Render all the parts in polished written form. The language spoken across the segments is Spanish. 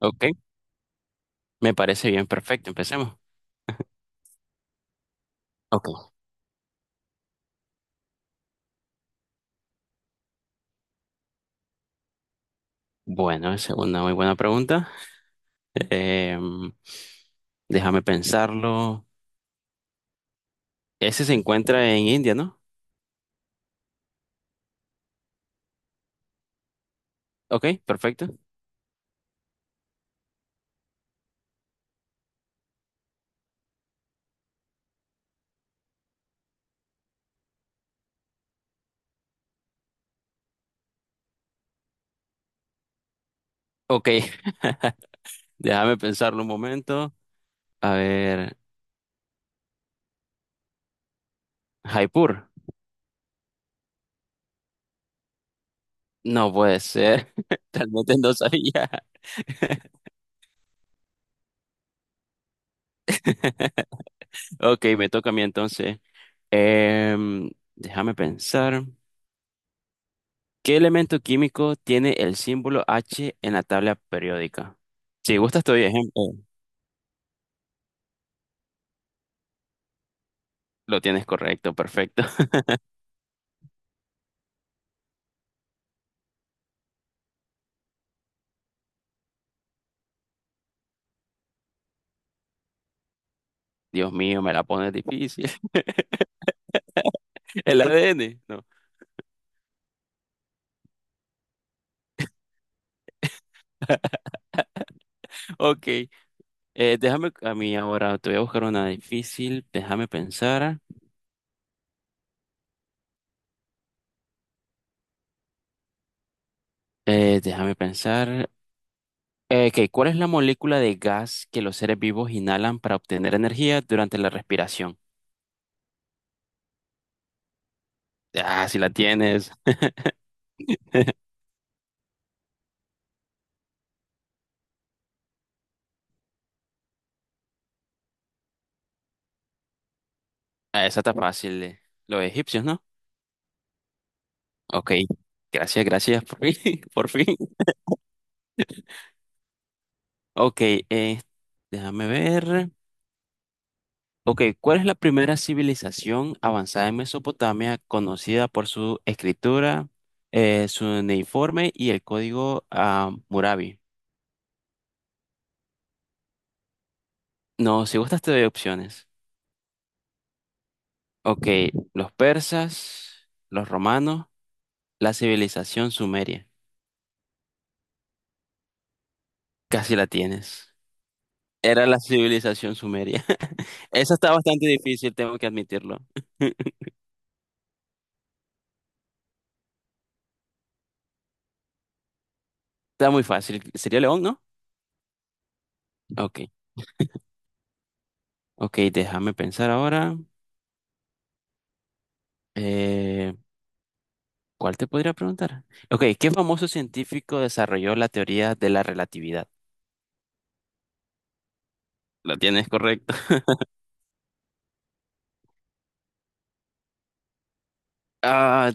Ok, me parece bien, perfecto, empecemos. Ok, bueno, esa es una muy buena pregunta. Em, Déjame pensarlo. Ese se encuentra en India, ¿no? Ok, perfecto. Ok, déjame pensarlo un momento. A ver, Jaipur. No puede ser, realmente no sabía. Ok, me toca a mí entonces. Em, Déjame pensar. ¿Qué elemento químico tiene el símbolo H en la tabla periódica? Si gustas, estoy ejemplo. Lo tienes correcto, perfecto. Dios mío, me la pones difícil. El ADN, no. Ok, déjame a mí ahora, te voy a buscar una difícil. Déjame pensar. Déjame pensar. Ok, ¿cuál es la molécula de gas que los seres vivos inhalan para obtener energía durante la respiración? Ah, si la tienes. Ah, esa está fácil. Los egipcios, ¿no? Ok, gracias, gracias, por fin, por fin. Ok, eh, déjame ver. Ok, ¿cuál es la primera civilización avanzada en Mesopotamia conocida por su escritura, su cuneiforme y el código Murabi? No, si gustas te doy opciones. Ok, los persas, los romanos, la civilización sumeria. Casi la tienes. Era la civilización sumeria. Esa está bastante difícil, tengo que admitirlo. Está muy fácil. ¿Sería León, no? Ok, ok, déjame pensar ahora. Eh, ¿Cuál te podría preguntar? Ok, ¿qué famoso científico desarrolló la teoría de la relatividad? ¿Lo tienes correcto? Ah,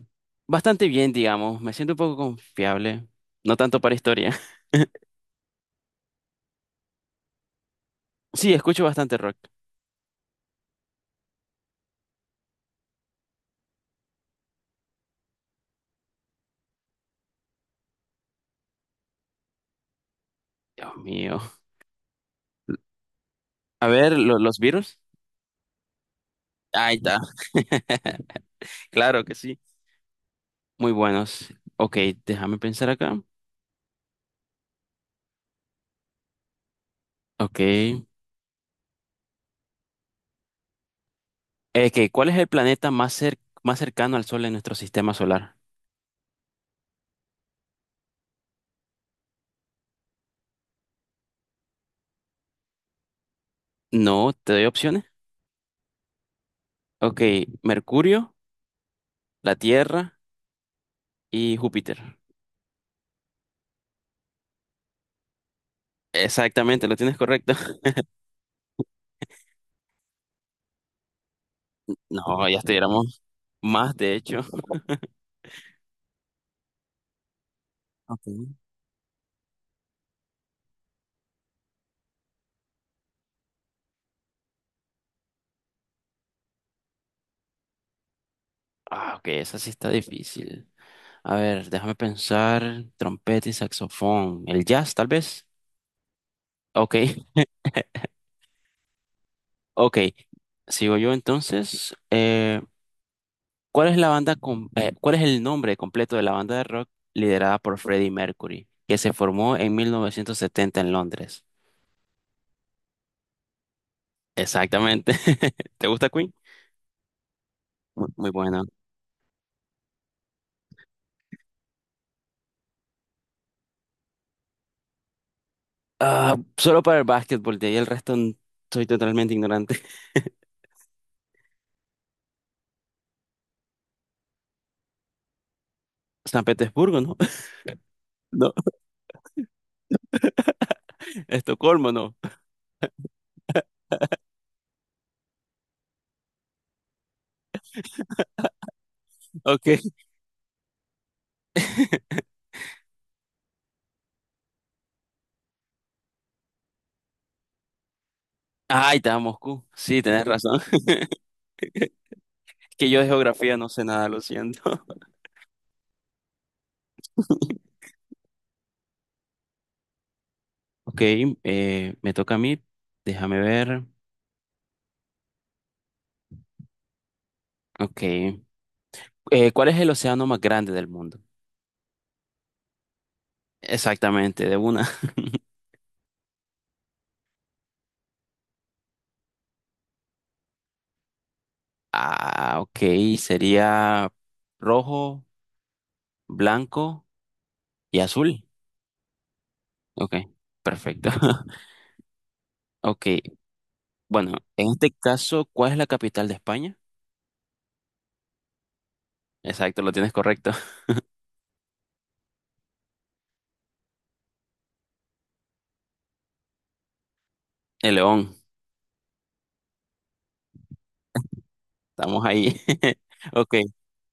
bastante bien, digamos. Me siento un poco confiable. No tanto para historia. Sí, escucho bastante rock. Dios mío. A ver, los Beatles. Ahí está. Claro que sí. Muy buenos. Ok, déjame pensar acá. Ok. ¿Cuál es el planeta más cercano al Sol en nuestro sistema solar? No, te doy opciones. Ok, Mercurio, la Tierra. Y Júpiter. Exactamente, lo tienes correcto. No, ya estuviéramos más, de hecho. Ok. Ah, ok, esa sí está difícil. A ver, déjame pensar. Trompeta y saxofón. El jazz, tal vez. Ok, ok. Sigo yo entonces. Eh, ¿cuál es el nombre completo de la banda de rock liderada por Freddie Mercury, que se formó en 1970 en Londres? Exactamente. ¿Te gusta Queen? Muy, bueno. Ah, solo para el básquetbol, de ahí soy totalmente ignorante. San Petersburgo, ¿no? No. Estocolmo, ¿no. Ok. Ah, ahí está, Moscú. Sí, tenés razón. Es que yo de geografía no sé nada, lo siento. Ok, me toca a mí. Déjame ver. Ok. ¿Cuál es el océano más grande del mundo? Exactamente, de una. Ah, ok. Sería rojo, blanco y azul. Ok, perfecto. Ok, bueno, en este caso, ¿cuál es la capital de España? Exacto, lo tienes correcto. El león. Estamos ahí. Ok.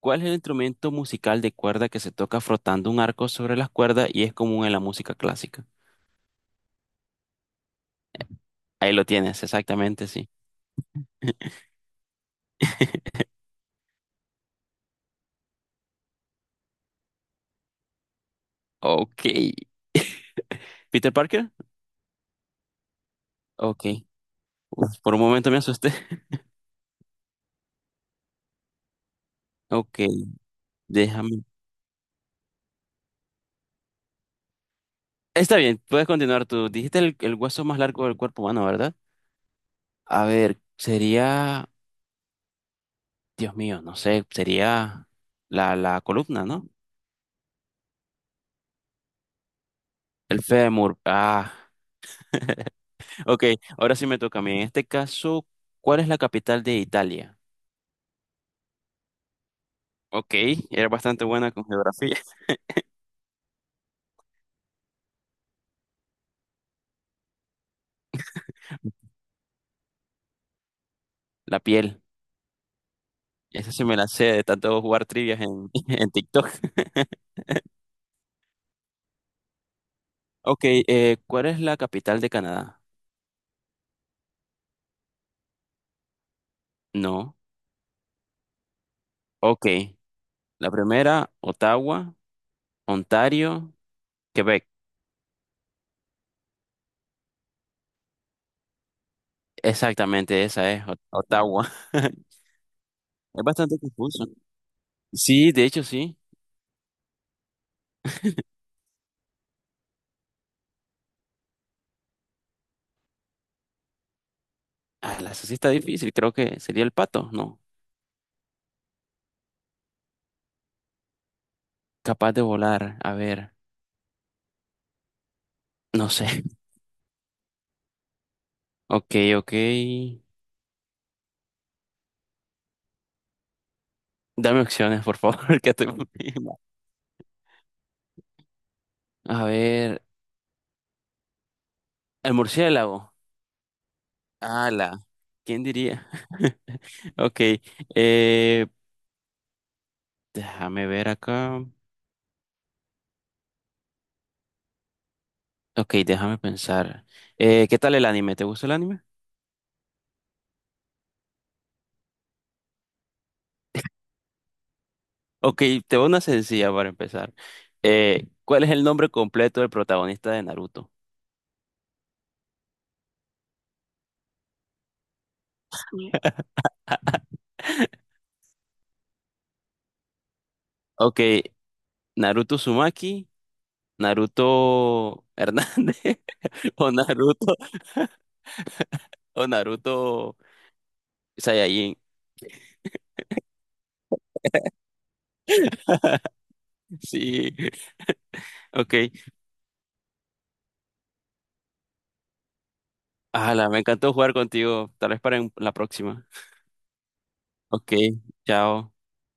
¿Cuál es el instrumento musical de cuerda que se toca frotando un arco sobre las cuerdas y es común en la música clásica? Ahí lo tienes, exactamente, sí. Ok. ¿Peter Parker? Ok. Uf, por un momento me asusté. Ok, déjame. Está bien, puedes continuar tú. Dijiste el hueso más largo del cuerpo humano, ¿verdad? A ver, sería, Dios mío, no sé, sería la columna, ¿no? El fémur. Ah, Ok, ahora sí me toca a mí. En este caso, ¿cuál es la capital de Italia? Ok, era bastante buena con geografía. La piel. Esa sí me la sé de tanto jugar trivias en, en TikTok. Ok, ¿cuál es la capital de Canadá? No. Ok, la primera, Ottawa, Ontario, Quebec. Exactamente, esa es, Ottawa. Es bastante confuso. Sí, de hecho sí. Ah, la esa sí está difícil. Creo que sería el pato, ¿no? Capaz de volar. A ver, no sé. Ok, ok. Dame opciones, por favor, que estoy muy mal. A ver, el murciélago. Ala, ¿quién diría? Ok, eh, déjame ver acá. Ok, déjame pensar. ¿Qué tal el anime? ¿Te gusta el anime? Ok, te voy a una sencilla para empezar. ¿Cuál es el nombre completo del protagonista de Naruto? Ok, Naruto Sumaki, Naruto Hernández o Naruto o Naruto Saiyajin. Sí, ok. Ala, me encantó jugar contigo. Tal vez para la próxima. Ok, chao.